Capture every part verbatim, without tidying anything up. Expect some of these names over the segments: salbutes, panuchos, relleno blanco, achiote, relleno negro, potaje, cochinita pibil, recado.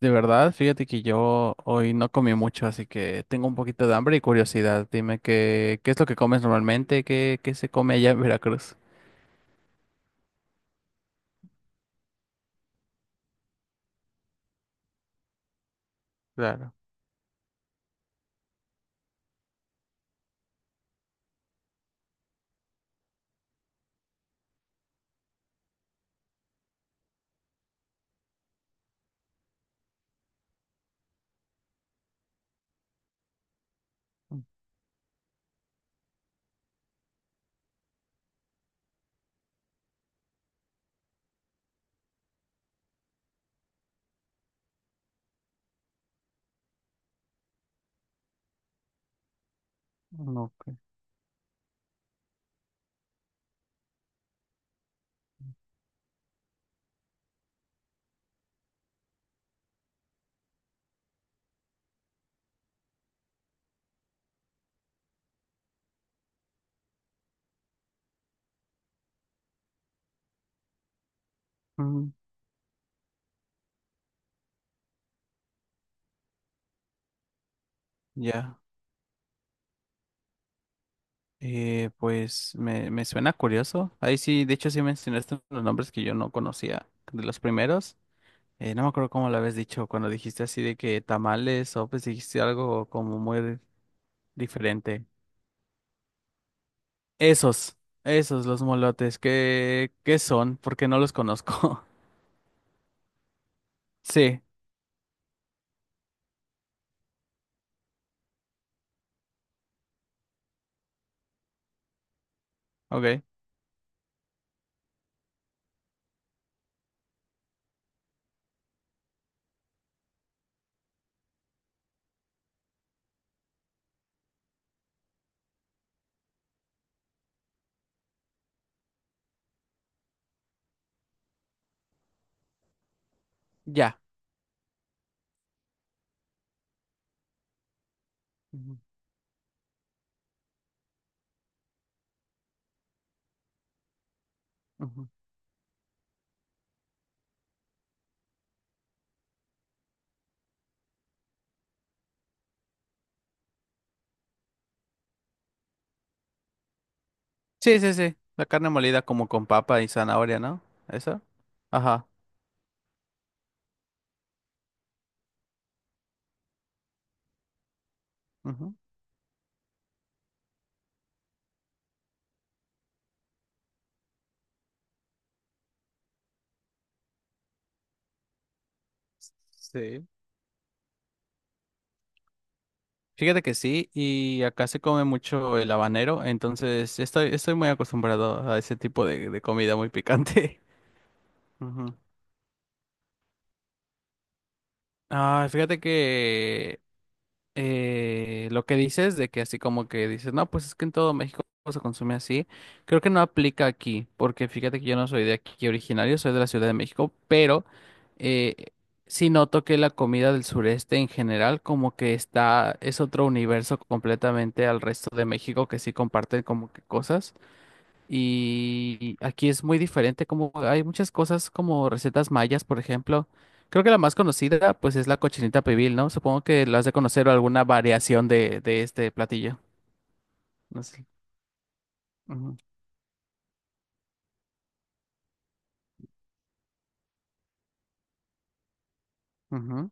De verdad, fíjate que yo hoy no comí mucho, así que tengo un poquito de hambre y curiosidad. Dime qué, qué es lo que comes normalmente, qué, qué se come allá en Veracruz. Claro. Mm, mm, ok. Mm. Ya. Eh, pues me, me suena curioso. Ahí sí, de hecho sí mencionaste los nombres que yo no conocía de los primeros. Eh, no me acuerdo cómo lo habías dicho cuando dijiste así de que tamales o pues dijiste algo como muy diferente. Esos, esos, los molotes, ¿qué, qué son? Porque no los conozco. Sí, ok. Ya. Ujú, ujú. Sí, sí, sí. La carne molida como con papa y zanahoria, ¿no? ¿Eso? Ajá. Ujú. Sí. Fíjate que sí, y acá se come mucho el habanero, entonces estoy, estoy muy acostumbrado a ese tipo de, de comida muy picante. Ujú. Ah, fíjate que eh, lo que dices de que así como que dices, no, pues es que en todo México se consume así, creo que no aplica aquí, porque fíjate que yo no soy de aquí originario, soy de la Ciudad de México, pero eh, sí noto que la comida del sureste en general como que está, es otro universo completamente al resto de México que sí comparten como que cosas. Y aquí es muy diferente, como hay muchas cosas como recetas mayas, por ejemplo. Creo que la más conocida, pues, es la cochinita pibil, ¿no? Supongo que la has de conocer o alguna variación de, de este platillo. No sé. Ujú, ujú.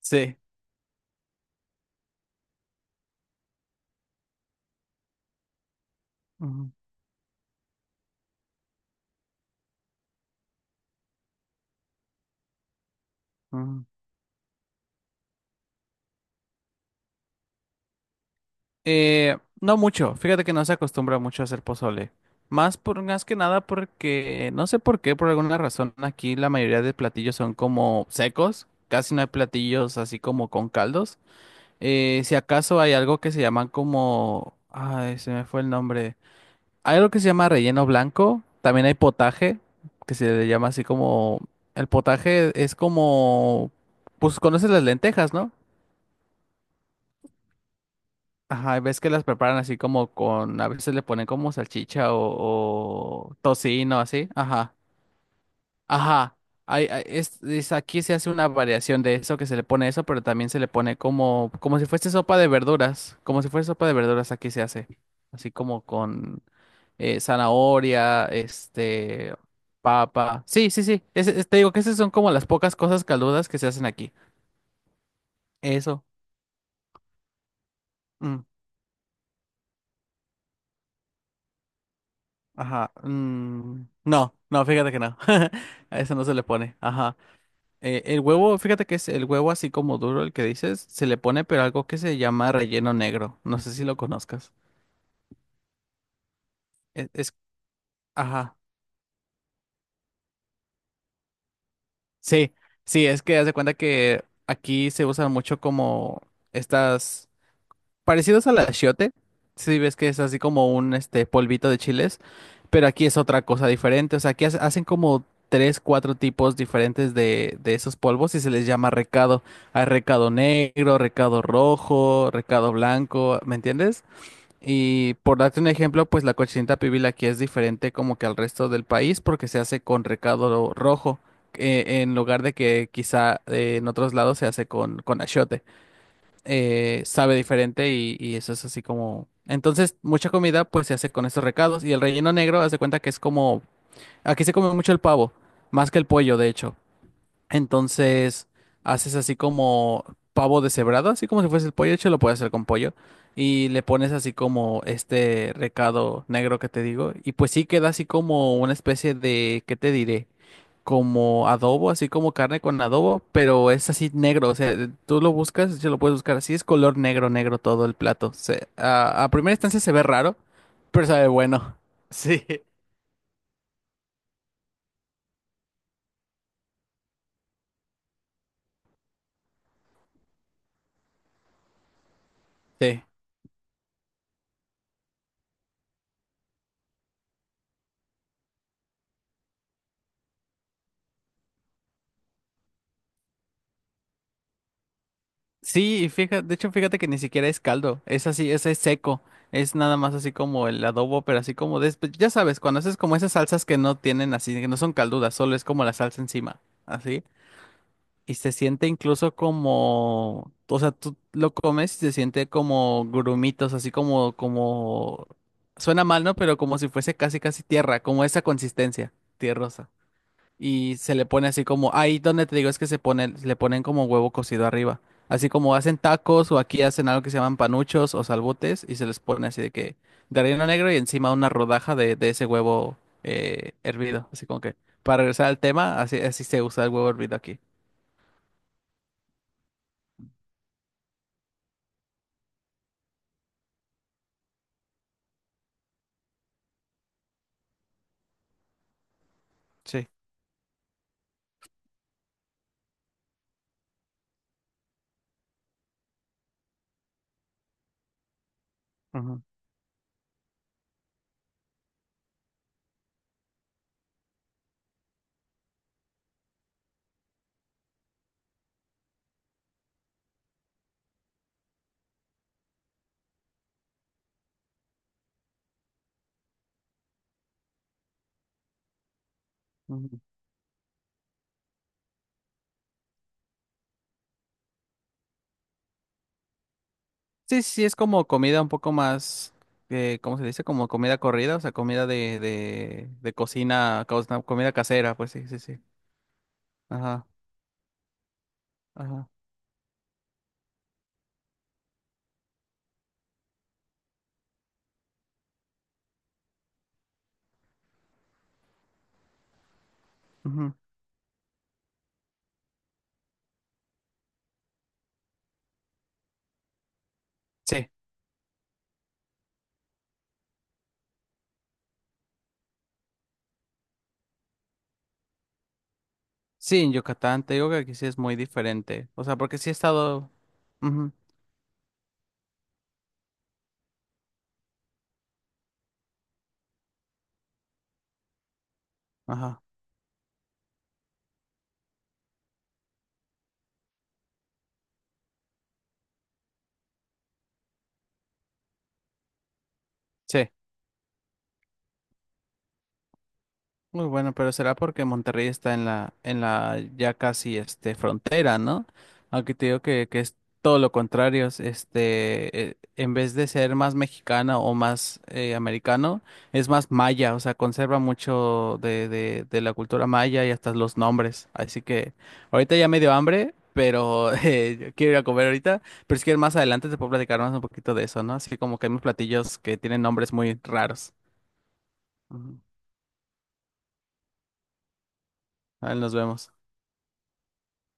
Sí. Ujú, ujú. Eh, no mucho. Fíjate que no se acostumbra mucho a hacer pozole. Más por, más que nada porque, no sé por qué, por alguna razón, aquí la mayoría de platillos son como secos. Casi no hay platillos así como con caldos. Eh, si acaso hay algo que se llaman como… Ay, se me fue el nombre. Hay algo que se llama relleno blanco. También hay potaje, que se le llama así como… El potaje es como… Pues conoces las lentejas, ¿no? Ajá, y ves que las preparan así como con… A veces le ponen como salchicha o, o tocino, así. Ajá. Ajá, hay- hay- es, es- aquí se hace una variación de eso, que se le pone eso, pero también se le pone como, como si fuese sopa de verduras, como si fuese sopa de verduras aquí se hace, así como con eh, zanahoria, este, papa, sí, sí, sí, ese- es- te digo que esas son como las pocas cosas caldudas que se hacen aquí, eso, mm, ajá, mm, no, no, fíjate que no, a eso no se le pone. Ajá. Eh, el huevo, fíjate que es el huevo así como duro el que dices, se le pone pero algo que se llama relleno negro. No sé si lo conozcas. Es, es- ajá. Sí, sí, es que haz de cuenta que aquí se usan mucho como estas parecidos al achiote. Sí, ves que es así como un este polvito de chiles, pero aquí es otra cosa diferente. O sea, aquí hace- hacen como tres, cuatro tipos diferentes de, de esos polvos y se les llama recado. Hay recado negro, recado rojo, recado blanco, ¿me entiendes? Y por darte un ejemplo, pues la cochinita pibil aquí es diferente como que al resto del país porque se hace con recado rojo, eh, en lugar de que quizá eh, en otros lados se hace con, con achiote. Eh, sabe diferente y, y eso es así como… Entonces, mucha comida pues se hace con estos recados y el relleno negro, haz de cuenta que es como… Aquí se come mucho el pavo, más que el pollo, de hecho. Entonces haces así como pavo deshebrado, así como si fuese el pollo, de hecho lo puedes hacer con pollo. Y le pones así como este recado negro que te digo. Y pues sí queda así como una especie de, ¿qué te diré? Como adobo, así como carne con adobo, pero es así negro. O sea, tú lo buscas, yo lo puedes buscar así, es color negro, negro todo el plato. Se- a, a primera instancia se ve raro, pero sabe bueno. Sí. Sí. Sí, y fíjate, de hecho, fíjate que ni siquiera es caldo, es así, es, es seco, es nada más así como el adobo, pero así como de, pues, ya sabes, cuando haces como esas salsas que no tienen así, que no son caldudas, solo es como la salsa encima, así, y se siente incluso como, o sea, tú lo comes y se siente como grumitos, así como, como, suena mal, ¿no? Pero como si fuese casi, casi tierra, como esa consistencia, tierrosa y se le pone así como, ahí donde te digo es que se pone, le ponen como huevo cocido arriba. Así como hacen tacos o aquí hacen algo que se llaman panuchos o salbutes y se les pone así de que de relleno negro y encima una rodaja de, de ese huevo eh, hervido. Así como que para regresar al tema, así, así se usa el huevo hervido aquí. Sí. Ujú, ujú. Sí, sí, es como comida un poco más, eh, ¿cómo se dice? Como comida corrida, o sea, comida de, de, de cocina, cos- comida casera, pues sí, sí, sí. Ajá, ajá. Ujú. Sí. Sí, en Yucatán, te digo que aquí sí es muy diferente. O sea, porque sí he estado… Ujú. Ajá. Sí. Muy bueno, pero será porque Monterrey está en la, en la ya casi este frontera, ¿no? Aunque te digo que, que es todo lo contrario, es, este, eh, en vez de ser más mexicano o más eh, americano, es más maya, o sea, conserva mucho de, de, de la cultura maya y hasta los nombres. Así que ahorita ya me dio hambre, pero eh, yo quiero ir a comer ahorita, pero es que más adelante te puedo platicar más un poquito de eso, ¿no? Así que como que hay unos platillos que tienen nombres muy raros. Ujú. Ahí nos vemos.